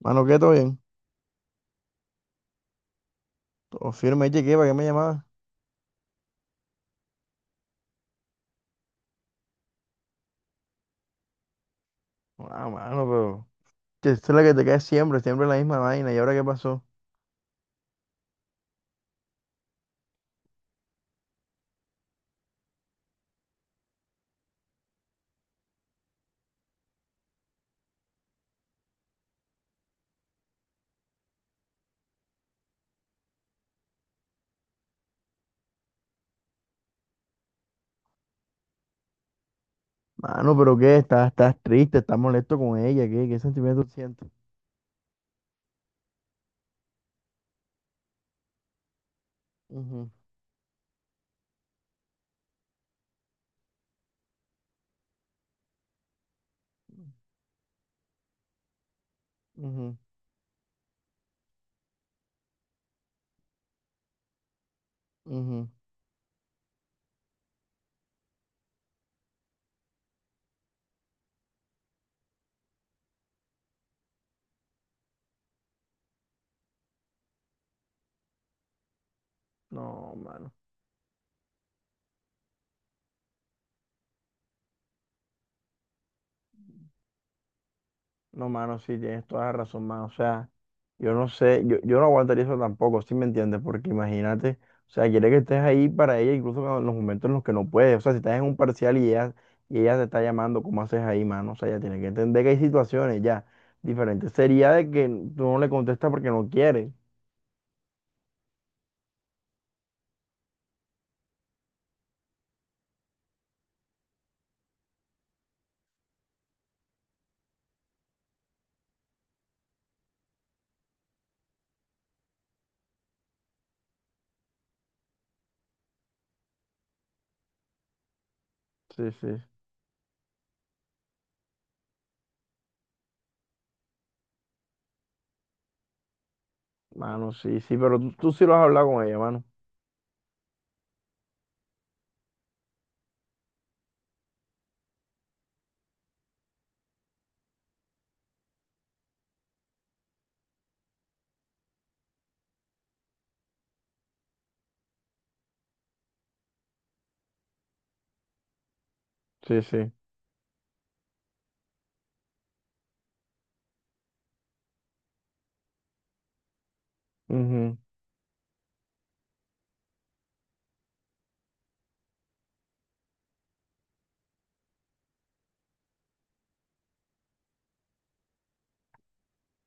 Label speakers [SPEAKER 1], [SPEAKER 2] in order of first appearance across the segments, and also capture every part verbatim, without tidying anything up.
[SPEAKER 1] Mano, ¿qué? ¿Todo bien? Todo firme. Oye, ¿qué? ¿Para qué me llamabas? Ah, mano, pero. Que esta es la que te cae siempre, siempre la misma vaina. ¿Y ahora qué pasó? Mano, ¿pero qué? ¿Estás, estás triste? ¿Estás molesto con ella? ¿Qué, qué sentimiento sientes? Ujú, ujú, ujú. No, mano. No, mano, sí, tienes toda la razón, mano. O sea. Yo no sé, yo, yo no aguantaría eso tampoco, ¿si me entiendes? Porque imagínate, o sea, quiere que estés ahí para ella incluso cuando- en los momentos en los que no puedes. O sea, si estás en un parcial y ella, y ella te está llamando, ¿cómo haces ahí, mano? O sea, ella tiene que entender que hay situaciones ya diferentes. Sería de que tú no le contestas porque no quieres. Sí, sí. Mano, sí, sí, pero tú, tú sí lo has hablado con ella, mano. Sí, sí. Ujú.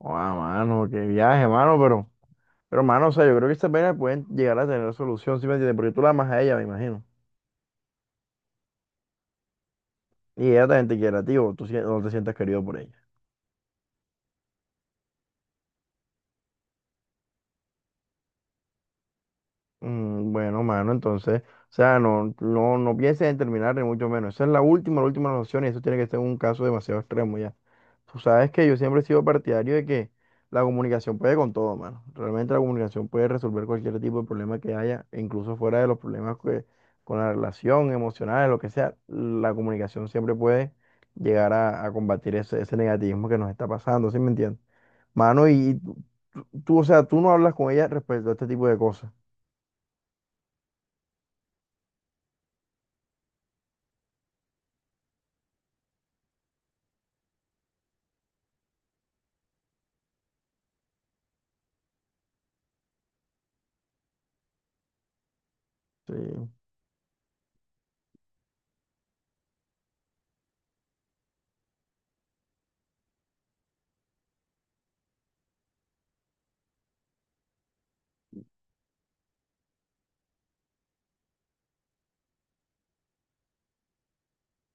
[SPEAKER 1] Ah, mano, qué viaje, mano, pero, pero, mano, o sea, yo creo que estas pena pueden llegar a tener solución, ¿sí me entiendes? Porque tú la amas a ella, me imagino. Y ella también te quiere a ti o tú sien- o te sientas querido por ella. Mm, bueno, mano, entonces, o sea, no, no, no pienses en terminar ni mucho menos. Esa es la última, la última opción y eso tiene que ser un caso demasiado extremo ya. Tú sabes que yo siempre he sido partidario de que la comunicación puede con todo, mano. Realmente la comunicación puede resolver cualquier tipo de problema que haya, e incluso fuera de los problemas que- con la relación emocional, lo que sea. La comunicación siempre puede llegar a, a combatir ese, ese negativismo que nos está pasando, ¿sí me entiendes? Mano, y tú, tú- o sea, tú no hablas con ella respecto a este tipo de cosas. Sí.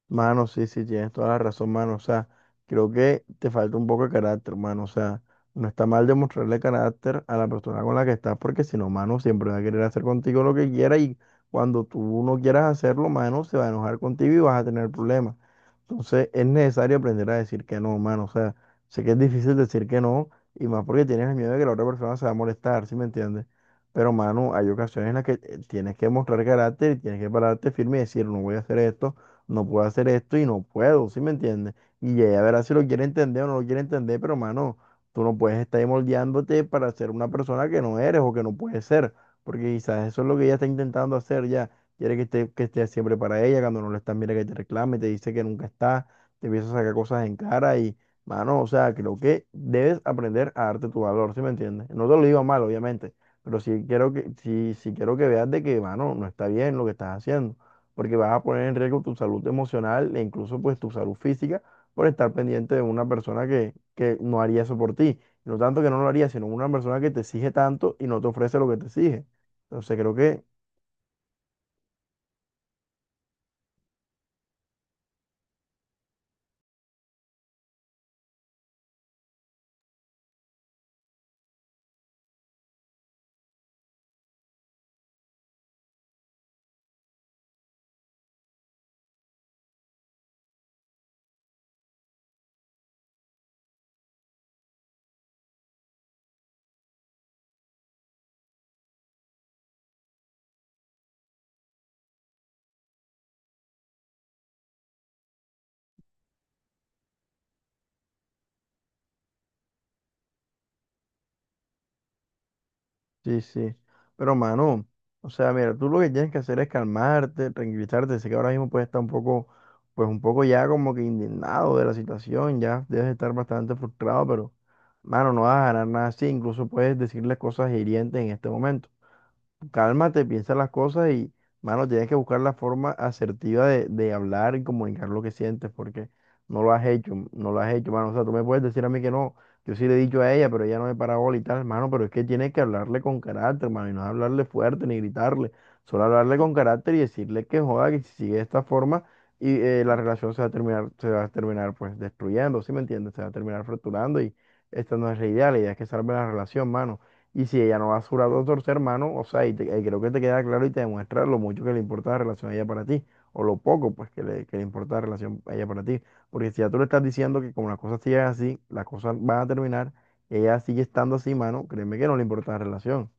[SPEAKER 1] Mano, sí, sí, tienes toda la razón, mano. O sea, creo que te falta un poco de carácter, mano. O sea, no está mal demostrarle carácter a la persona con la que estás, porque si no, mano, siempre va a querer hacer contigo lo que quiera y cuando tú no quieras hacerlo, mano, se va a enojar contigo y vas a tener problemas. Entonces, es necesario aprender a decir que no, mano. O sea, sé que es difícil decir que no y más porque tienes el miedo de que la otra persona se va a molestar, ¿sí me entiendes? Pero, mano, hay ocasiones en las que eh, tienes que mostrar carácter y tienes que pararte firme y decir, no voy a hacer esto, no puedo hacer esto y no puedo, ¿sí me entiendes? Y ella verá si lo quiere entender o no lo quiere entender, pero mano, tú no puedes estar ahí moldeándote para ser una persona que no eres o que no puedes ser, porque quizás eso es lo que ella está intentando hacer ya. Quiere que esté, que estés siempre para ella, cuando no lo estás, mira que te reclame, te dice que nunca está, te empieza a sacar cosas en cara y, mano, o sea, creo que debes aprender a darte tu valor, ¿sí me entiendes? No te lo digo mal, obviamente, pero sí quiero que, sí, sí quiero que veas de que, mano, no está bien lo que estás haciendo porque vas a poner en riesgo tu salud emocional e incluso pues tu salud física por estar pendiente de una persona que, que no haría eso por ti. Y No tanto que no lo haría, sino una persona que te exige tanto y no te ofrece lo que te exige. Entonces creo que sí, sí. Pero mano, o sea, mira, tú lo que tienes que hacer es calmarte, tranquilizarte. Sé que ahora mismo puedes estar un poco, pues un poco ya como que indignado de la situación, ya debes estar bastante frustrado, pero mano, no vas a ganar nada así. Incluso puedes decirle cosas hirientes en este momento. Cálmate, piensa las cosas y, mano, tienes que buscar la forma asertiva de, de hablar y comunicar lo que sientes, porque no lo has hecho, no lo has hecho, mano. O sea, tú me puedes decir a mí que no, yo sí le he dicho a ella, pero ella no me para bola y tal, mano, pero es que tienes que hablarle con carácter, mano, y no hablarle fuerte ni gritarle, solo hablarle con carácter y decirle que joda, que si sigue de esta forma y eh, la relación se va a terminar, se va a terminar pues destruyendo, ¿sí me entiendes? Se va a terminar fracturando y esta no es la idea, la idea es que salve la relación, mano. Y si ella no va a su brazo a torcer hermano, o sea, y, te- y creo que te queda claro y te demuestra lo mucho que le importa la relación a ella para ti, o lo poco pues que le, que le importa la relación a ella para ti. Porque si ya tú le estás diciendo que como las cosas siguen así, las cosas van a terminar, ella sigue estando así, mano, créeme que no le importa la relación.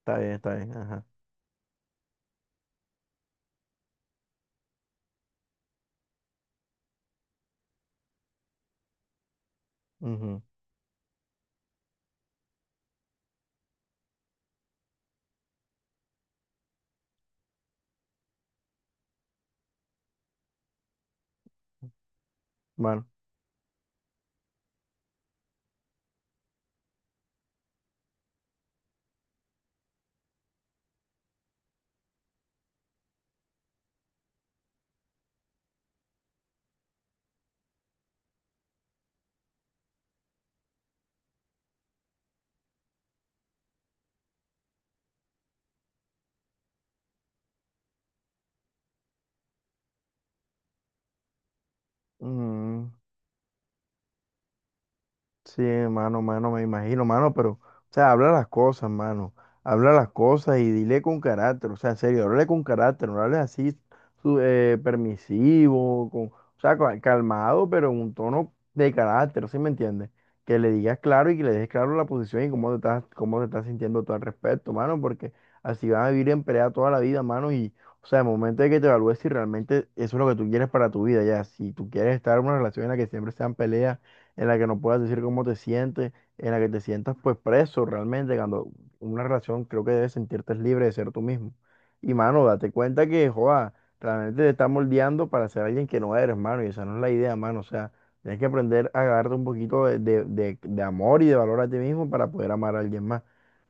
[SPEAKER 1] Está bien, está bien, ajá. Ujú. Bueno. Ujú. Sí, mano, mano, me imagino, mano, pero, o sea, habla las cosas, mano. Habla las cosas y dile con carácter, o sea, en serio, háblale con carácter, no hables así su- eh, permisivo, con, o sea, ca- calmado, pero en un tono de carácter, ¿sí me entiendes? Que le digas claro y que le dejes claro la posición y cómo te estás, cómo te estás sintiendo tú al respecto, mano, porque así van a vivir en pelea toda la vida, mano, y, o sea, el momento de que te evalúes si realmente eso es lo que tú quieres para tu vida, ya, si tú quieres estar en una relación en la que siempre sean peleas en la que no puedas decir cómo te sientes, en la que te sientas pues preso realmente, cuando una relación creo que debes sentirte libre de ser tú mismo. Y mano, date cuenta que, joa, realmente te estás moldeando para ser alguien que no eres, mano, y esa no es la idea, mano, o sea, tienes que aprender a agarrarte un poquito de, de, de- de amor y de valor a ti mismo para poder amar a alguien más.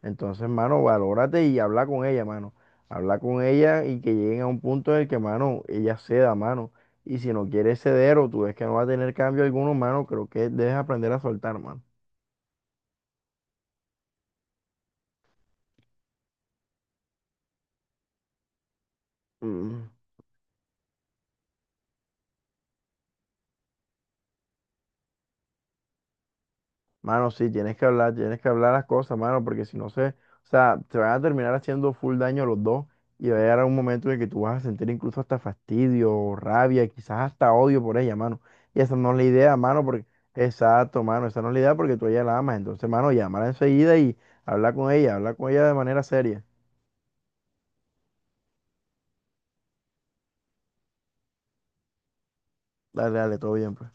[SPEAKER 1] Entonces, mano, valórate y habla con ella, mano. Habla con ella y que lleguen a un punto en el que, mano, ella ceda, mano. Y si no quieres ceder o tú ves que no va a tener cambio alguno, mano, creo que debes aprender a soltar, mano. Mm. Mano, sí, tienes que hablar, tienes que hablar las cosas, mano, porque si no se, o sea, te van a terminar haciendo full daño los dos y va a llegar un momento en el que tú vas a sentir incluso hasta fastidio, rabia, quizás hasta odio por ella, mano. Y esa no es la idea, mano. Porque, exacto, mano, esa no es la idea porque tú a ella la amas. Entonces, mano, llámala enseguida y habla con ella, habla con ella de manera seria. Dale, dale, todo bien. Pues.